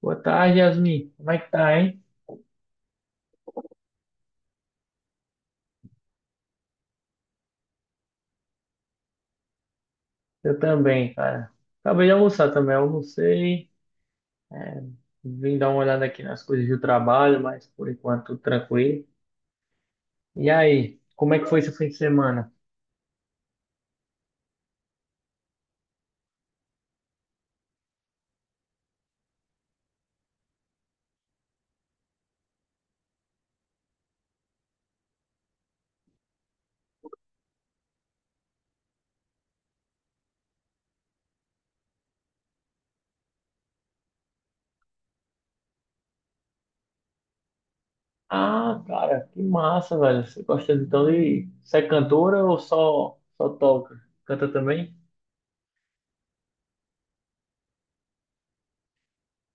Boa tarde, Yasmin. Como é que tá, hein? Eu também, cara. Acabei de almoçar também, almocei. é, Vim dar uma olhada aqui nas coisas do trabalho, mas por enquanto tranquilo. E aí, como é que foi seu fim de semana? Ah, cara, que massa, velho. Você gosta então de. Você é cantora ou só toca? Canta também?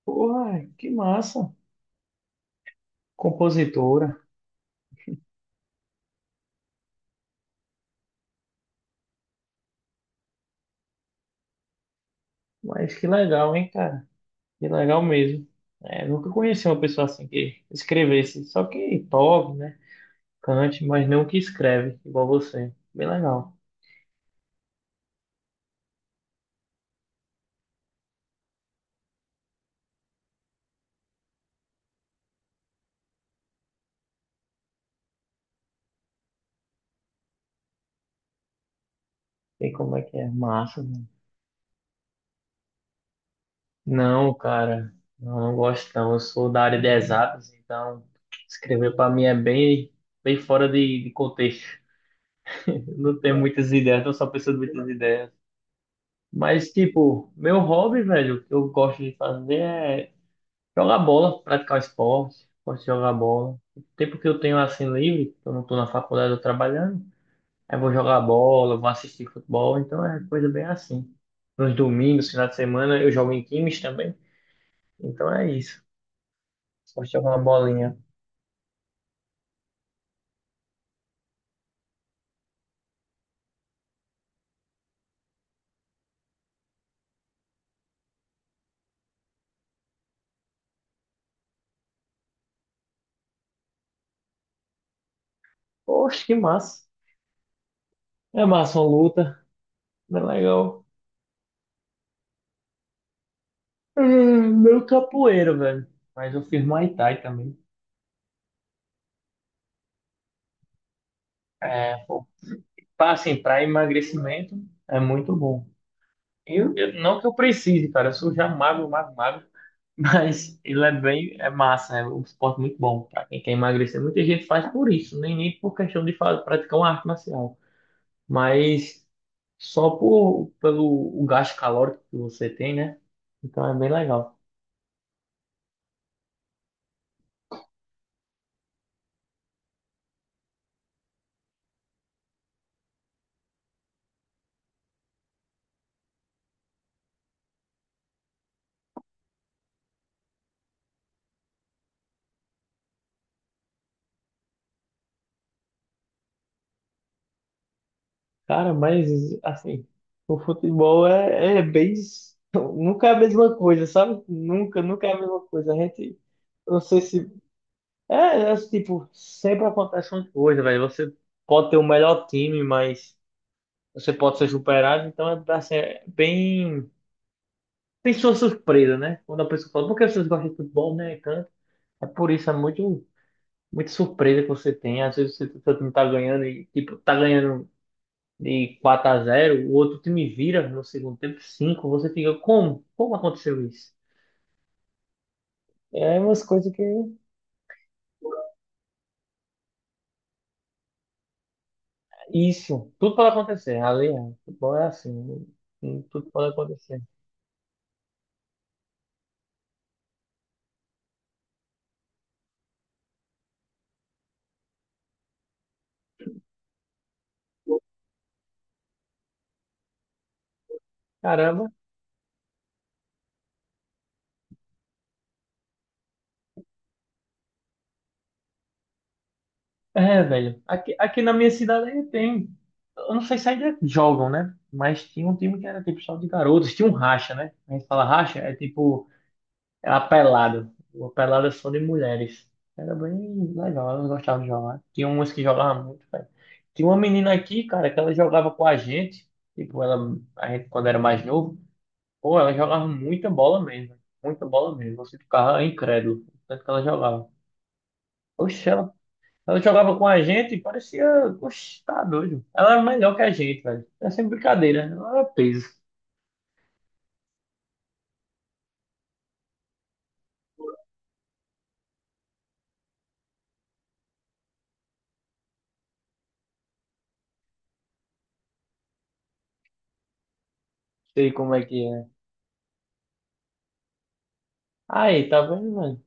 Porra, que massa. Compositora. Mas que legal, hein, cara? Que legal mesmo. É, nunca conheci uma pessoa assim que escrevesse, só que toque, né? Cante, mas não que escreve, igual você. Bem legal. Sei como é que é. Massa, mano. Não, cara. Não, não gosto não. Eu sou da área de exatas, então escrever pra mim é bem fora de contexto. Eu não tenho muitas ideias, tô só pensando muitas ideias. Mas, tipo, meu hobby, velho, o que eu gosto de fazer é jogar bola, praticar esporte. Gosto de jogar bola. O tempo que eu tenho assim livre, eu não tô na faculdade, eu tô trabalhando. Aí vou jogar bola, vou assistir futebol, então é coisa bem assim. Nos domingos, final de semana, eu jogo em times também, então é isso. Só jogar uma bolinha. Poxa, que massa. É massa uma luta, é legal. É, meu capoeiro, velho. Mas eu fiz Muay Thai também. É, pô, assim, pra emagrecimento é muito bom. Não que eu precise, cara, eu sou já magro, magro, magro. Mas ele é bem, é massa, é um esporte muito bom para quem quer emagrecer. Muita gente faz por isso, nem por questão de praticar uma arte marcial, mas só pelo o gasto calórico que você tem, né? Então é bem legal. Cara, mas assim, o futebol é, é bem. Nunca é a mesma coisa, sabe? Nunca é a mesma coisa. A gente, não sei se. É, tipo, sempre acontece uma coisa, velho. Você pode ter o melhor time, mas. Você pode ser superado, então é, assim, é bem. Tem sua surpresa, né? Quando a pessoa fala, por que vocês gostam de futebol, né? E tanto. É por isso, muito surpresa que você tem. Às vezes você, seu time tá ganhando e, tipo, tá ganhando de 4-0, o outro time vira no segundo tempo 5, você fica, como? Como aconteceu isso? É umas coisas que. Isso, tudo pode acontecer. Ali, é, futebol é assim, tudo pode acontecer. Caramba. É, velho. Aqui na minha cidade aí tem. Eu não sei se ainda jogam, né? Mas tinha um time que era tipo só de garotos. Tinha um racha, né? A gente fala racha, é tipo. É a pelada. Uma pelada só de mulheres. Era bem legal, elas gostavam de jogar. Tinha umas que jogavam muito, velho. Tinha uma menina aqui, cara, que ela jogava com a gente. Tipo, ela, a gente, quando era mais novo, pô, ela jogava muita bola mesmo. Muita bola mesmo. Você ficava incrédulo. Tanto que ela jogava. Oxe, ela jogava com a gente e parecia. Oxe, tá doido. Ela era melhor que a gente, velho. É sempre brincadeira. Né? Ela era peso. Sei como é que é. Aí, tá vendo, mano?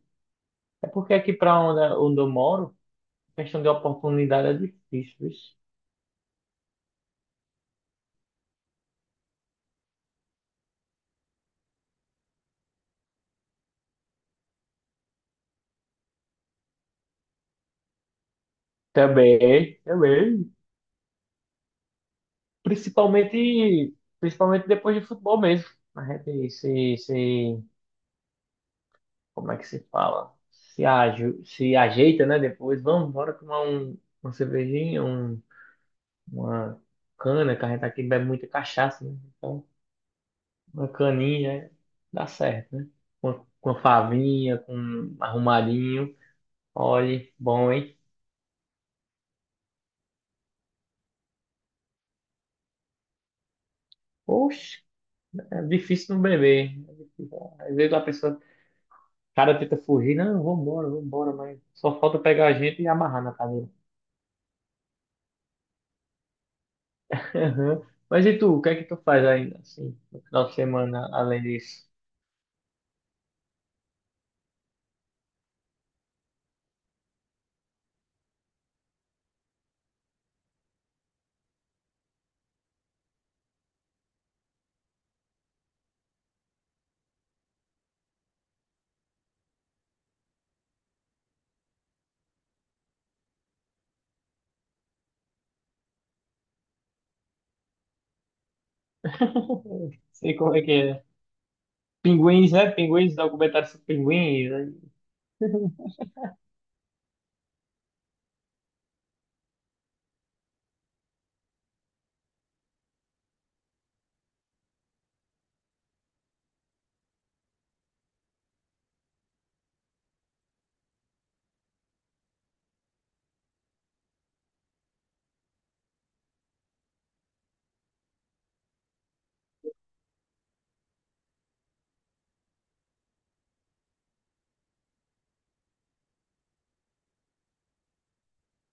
É porque aqui pra onde eu moro, questão de oportunidade é difícil, vixe. Também, também. Principalmente depois de futebol mesmo. A gente se, se, como é que se fala? Se ajeita, né? Depois, vamos, bora tomar uma cervejinha, uma cana, que a gente aqui bebe muita cachaça, né? Então, uma caninha dá certo, né? Com a favinha, com um arrumadinho. Olhe, bom, hein? Poxa, é difícil não beber. É difícil. Às vezes a pessoa, o cara tenta fugir, não, vambora, vambora, mas só falta pegar a gente e amarrar na cadeira. Aham. Mas e tu, o que é que tu faz ainda, assim, no final de semana, além disso? Sei como é que é. Pinguins, né? Pinguins, documentário sobre pinguins. Né?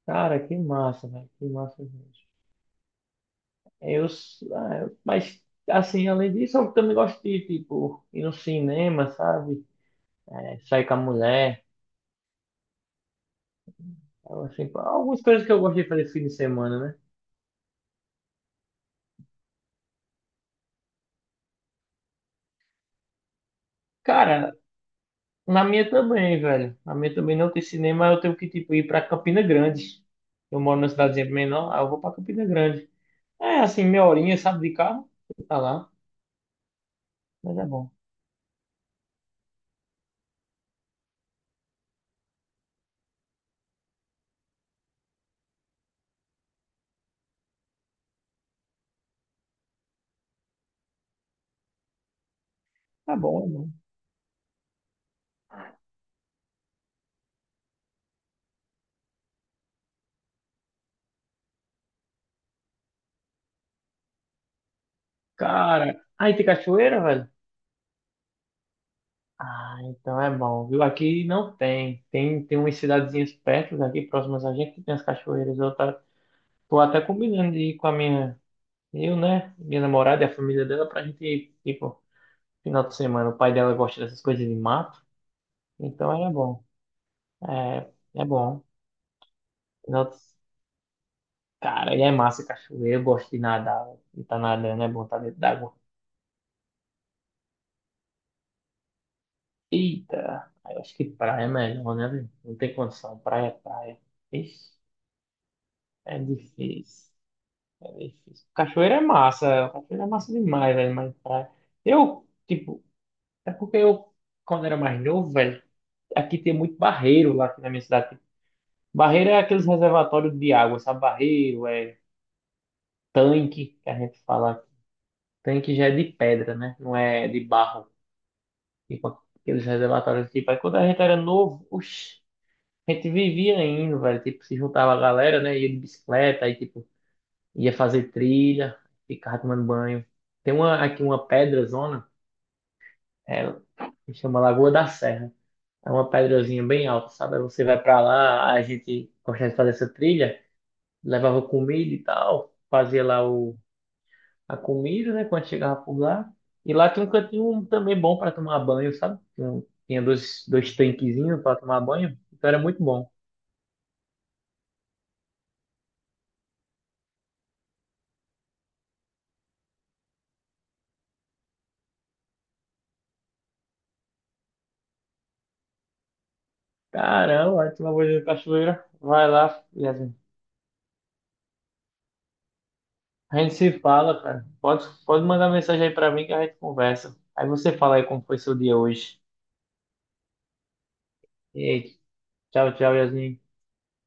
Cara, que massa, velho. Que massa mesmo. Eu, s- ah, eu- Mas, assim, além disso, eu também gosto de, tipo, ir no cinema, sabe? É, sair com a mulher. Então, assim, algumas coisas que eu gosto de fazer fim de semana, né? Cara, na minha também, velho. Na minha também não tem cinema, eu tenho que, tipo, ir pra Campina Grande. Eu moro numa cidadezinha menor, aí eu vou pra Campina Grande. É, assim, meia horinha, sabe, de carro. Tá lá. Mas é bom. Tá bom, é bom. Cara, aí tem cachoeira, velho? Ah, então é bom, viu? Aqui não tem. Tem umas cidadezinhas perto daqui, próximas a gente, que tem as cachoeiras. Tô até combinando de ir com a minha, eu, né? Minha namorada e a família dela pra gente ir, tipo, final de semana. O pai dela gosta dessas coisas de mato, então é bom. É, é bom. Final de- Cara, e é massa cachoeira. Eu gosto de nadar, e tá nadando, é bom estar dentro d'água. Eita, aí eu acho que praia é melhor, né? Velho? Não tem condição, praia é praia. Ixi, é difícil. É difícil. Cachoeira é massa demais, velho, mas praia. Eu, tipo, é porque eu, quando era mais novo, velho, aqui tem muito barreiro lá aqui na minha cidade. Barreiro é aqueles reservatórios de água, sabe? Barreiro é tanque, que a gente fala. Tanque já é de pedra, né? Não é de barro. Tipo, aqueles reservatórios, tipo, aí quando a gente era novo, oxi, a gente vivia indo, velho, tipo, se juntava a galera, né? Ia de bicicleta, aí, tipo, ia fazer trilha, ficava tomando banho. Tem uma, aqui uma pedra é, se chama Lagoa da Serra. É uma pedrazinha bem alta, sabe? Aí você vai pra lá, a gente gostava de fazer essa trilha, levava comida e tal, fazia lá a comida, né? Quando chegava por lá. E lá tem um cantinho também bom pra tomar banho, sabe? Tinha dois tanquezinhos pra tomar banho, então era muito bom. Caramba, aí tu vai ver a cachoeira, vai lá, Yasmin. A gente se fala, cara. Pode mandar mensagem aí pra mim que a gente conversa. Aí você fala aí como foi seu dia hoje. E aí, tchau, tchau, Yasmin.